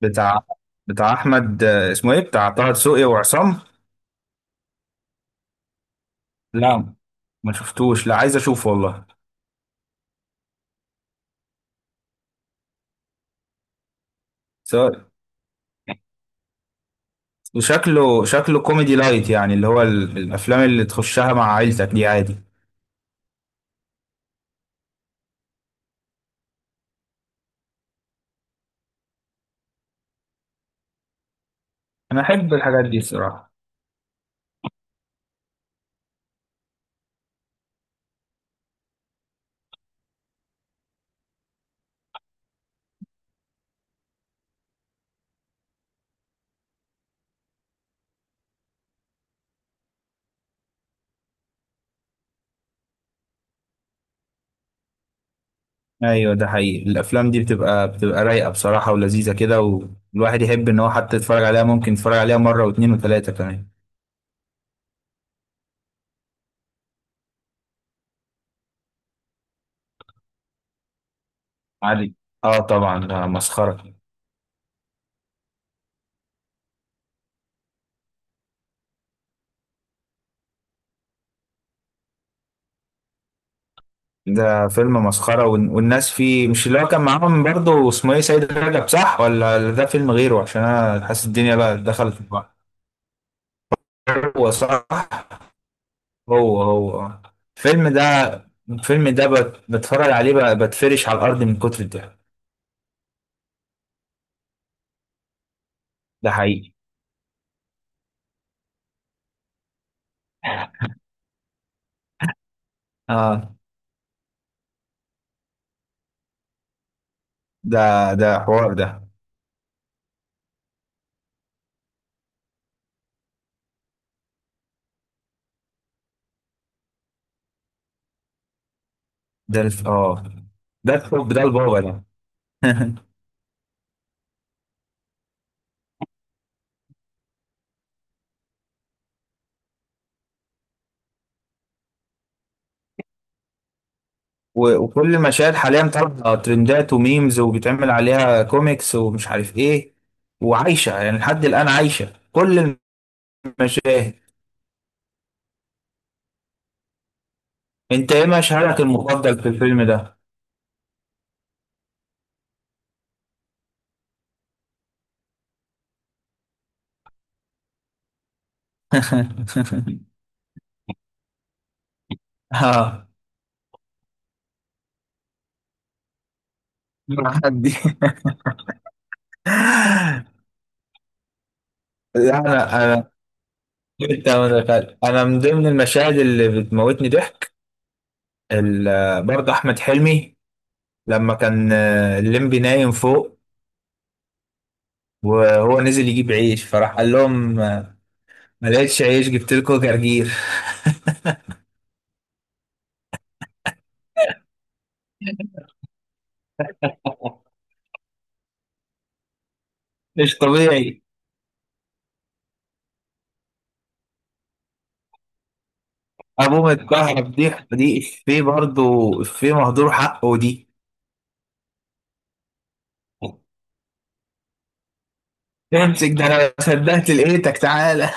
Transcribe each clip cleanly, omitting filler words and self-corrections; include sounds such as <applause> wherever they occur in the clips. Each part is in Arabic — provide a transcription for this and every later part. بتاع بتاع احمد، اسمه ايه؟ بتاع طه دسوقي وعصام. لا ما شفتوش. لا عايز اشوفه والله. سواء، وشكله شكله كوميدي لايت، يعني اللي هو الافلام اللي تخشها مع عيلتك دي عادي. انا احب الحاجات دي الصراحه. ايوه، ده حقيقي. الافلام دي بتبقى رايقه بصراحه ولذيذه كده. والواحد يحب ان هو حتى يتفرج عليها، ممكن يتفرج عليها مره واثنين وثلاثه كمان. عادي. اه، طبعا ده مسخره. ده فيلم مسخرة والناس فيه، مش اللي هو كان معاهم برضه اسمه ايه؟ سيد رجب، صح؟ ولا ده فيلم غيره؟ عشان انا حاسس الدنيا بقى دخلت في بعض. هو صح. هو هو، آه. الفيلم ده، الفيلم ده بتفرج عليه بقى، بتفرش على الارض من كتر الضحك. ده حقيقي. اه، ده ده حوار ده. اه، ده الحب، ده البابا ده. <laughs> و وكل مشاهد حاليا طالعه ترندات وميمز وبيتعمل عليها كوميكس، ومش عارف ايه. وعايشه يعني لحد الان، عايشه كل المشاهد. انت ايه مشهدك المفضل في الفيلم ده؟ <laughs> اه. مع حد. <laughs> لا، انا انت ما دخلت. انا من ضمن المشاهد اللي بتموتني ضحك، برضه احمد حلمي لما كان الليمبي نايم فوق، وهو نزل يجيب عيش، فراح قال لهم ما لقيتش عيش جبت لكم جرجير. <laughs> مش طبيعي. ابوه متكهرب دي افيه برضه. افيه مهدور حقه دي. امسك، ده انا ما صدقت لقيتك، تعالى.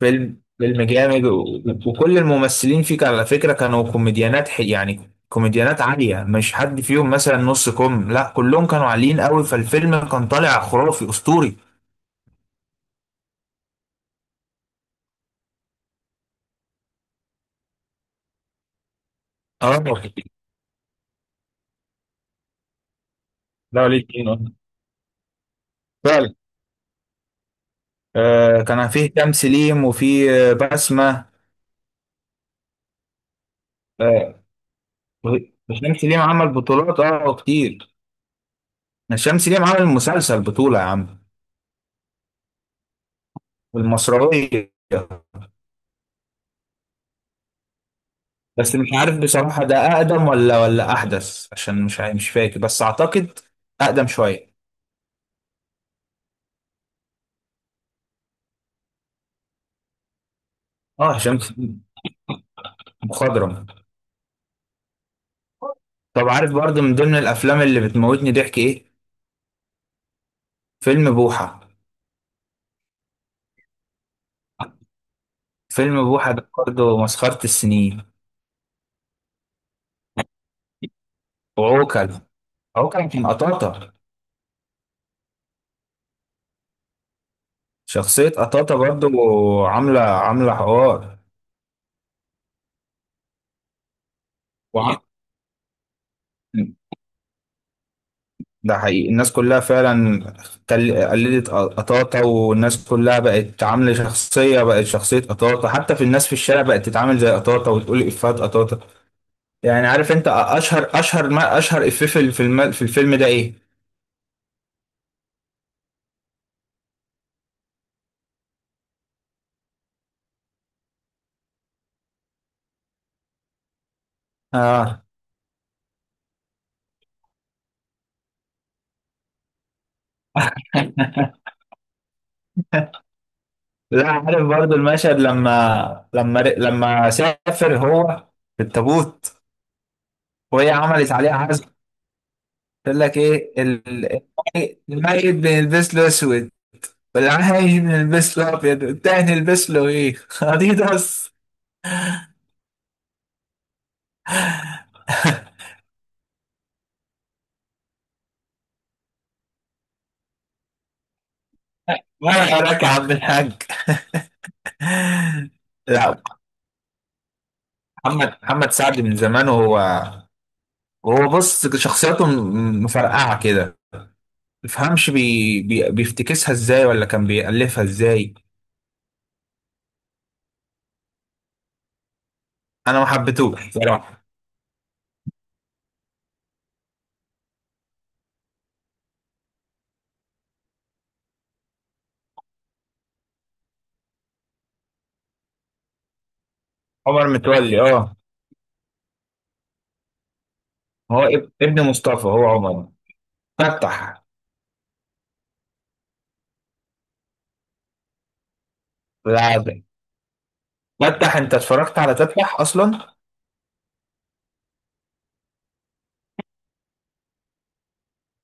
فيلم فيلم جامد و... وكل الممثلين فيك على فكرة كانوا كوميديانات يعني كوميديانات عالية، مش حد فيهم مثلا نص كوم، لا كلهم كانوا عاليين قوي، فالفيلم كان طالع خرافي اسطوري. اه. لا، ليه اتنين، آه. فعلا. آه، كان فيه هشام سليم، وفيه بسمة. آه، الشمس ليه عمل بطولات اه كتير. الشمس ليه عمل مسلسل بطولة يا عم. المصراوية. بس مش عارف بصراحة، ده أقدم ولا أحدث، عشان مش فاكر، بس أعتقد أقدم شوية. اه، شمس مخضرم. طب عارف برضه من ضمن الأفلام اللي بتموتني ضحك إيه؟ فيلم بوحة. فيلم بوحة ده برضه مسخرة السنين. وعوكل. عوكل كان قطاطة. شخصية قطاطة برضه، عاملة عاملة حوار. وعم... ده حقيقي. الناس كلها فعلا قلدت قطاطا، والناس كلها بقت عاملة شخصية، بقت شخصية قطاطا، حتى في الناس في الشارع بقت تتعامل زي قطاطا وتقول إفيهات قطاطا. يعني عارف انت اشهر اشهر ما اشهر إفيه في الفيلم، في الفيلم ده ايه؟ اه. <laughs> لا، عارف برضو المشهد لما لما سافر هو في التابوت، وهي عملت عليه عزم. قال لك ايه الميت بنلبس له اسود، بالعين نلبس له ابيض، التاني نلبس له ايه؟ <laughs> اديداس. وانا وراك يا عم الحاج. <laughs> لا. محمد سعد من زمان، وهو بص شخصياته مفرقعه كده، مفهمش بيفتكسها ازاي ولا كان بيألفها ازاي. انا ما حبيتهوش بصراحه. عمر متولي، اه. هو ابن مصطفى، هو عمر فتح. لا، فتح، انت اتفرجت على تفتح اصلا؟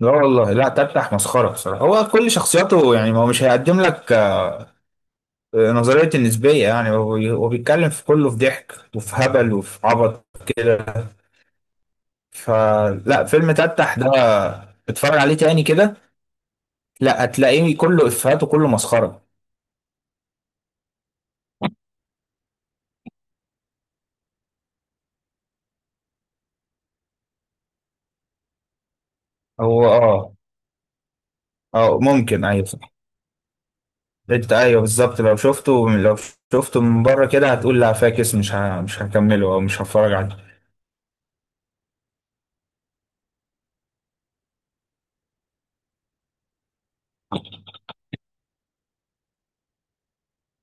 لا والله، لا تفتح مسخرة بصراحة. هو كل شخصياته يعني، ما هو مش هيقدم لك نظرية النسبية، يعني هو هو بيتكلم في كله، في ضحك وفي هبل وفي عبط كده. فلا، فيلم تفتح ده اتفرج عليه تاني كده، لا هتلاقيه كله إفيهات وكله مسخرة. هو اه. اه ممكن، ايوه صح. انت ايوه بالظبط، لو شفته لو شفته من بره كده هتقول لا فاكس، مش هكمله او مش هتفرج عليه.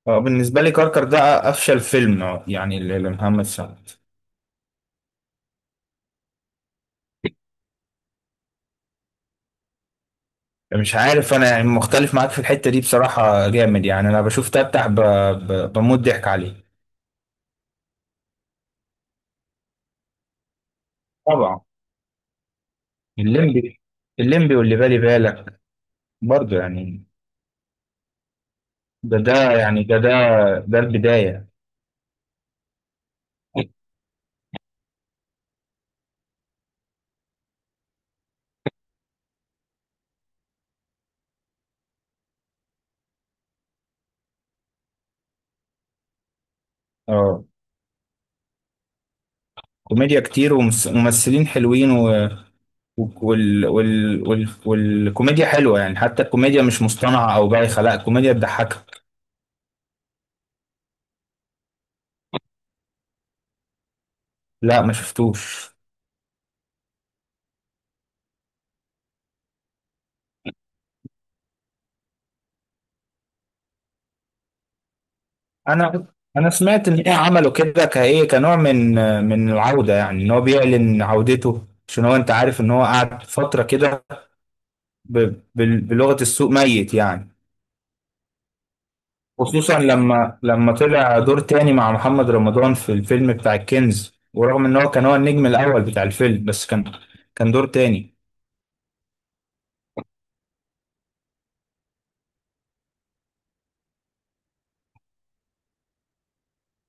بالنسبة لي كركر ده افشل فيلم، يعني لمحمد سعد. مش عارف انا يعني، مختلف معاك في الحتة دي بصراحة جامد، يعني انا بشوف تفتح بموت ضحك عليه. طبعا. الليمبي. الليمبي واللي بالي بالك برضه يعني. ده ده البداية. اه، كوميديا كتير وممثلين حلوين و... والكوميديا حلوة يعني، حتى الكوميديا مش مصطنعة او بايخة، لا الكوميديا بتضحكك. لا ما شفتوش. انا، سمعت ان ايه، عملوا كده كايه كنوع من العوده، يعني ان هو بيعلن عودته، عشان هو انت عارف ان هو قعد فتره كده بلغه السوق ميت يعني. خصوصا لما طلع دور تاني مع محمد رمضان في الفيلم بتاع الكنز، ورغم ان هو كان هو النجم الاول بتاع الفيلم، بس كان دور تاني.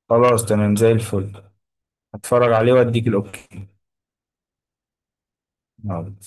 خلاص، تمام زي الفل. هتفرج عليه واديك الاوكي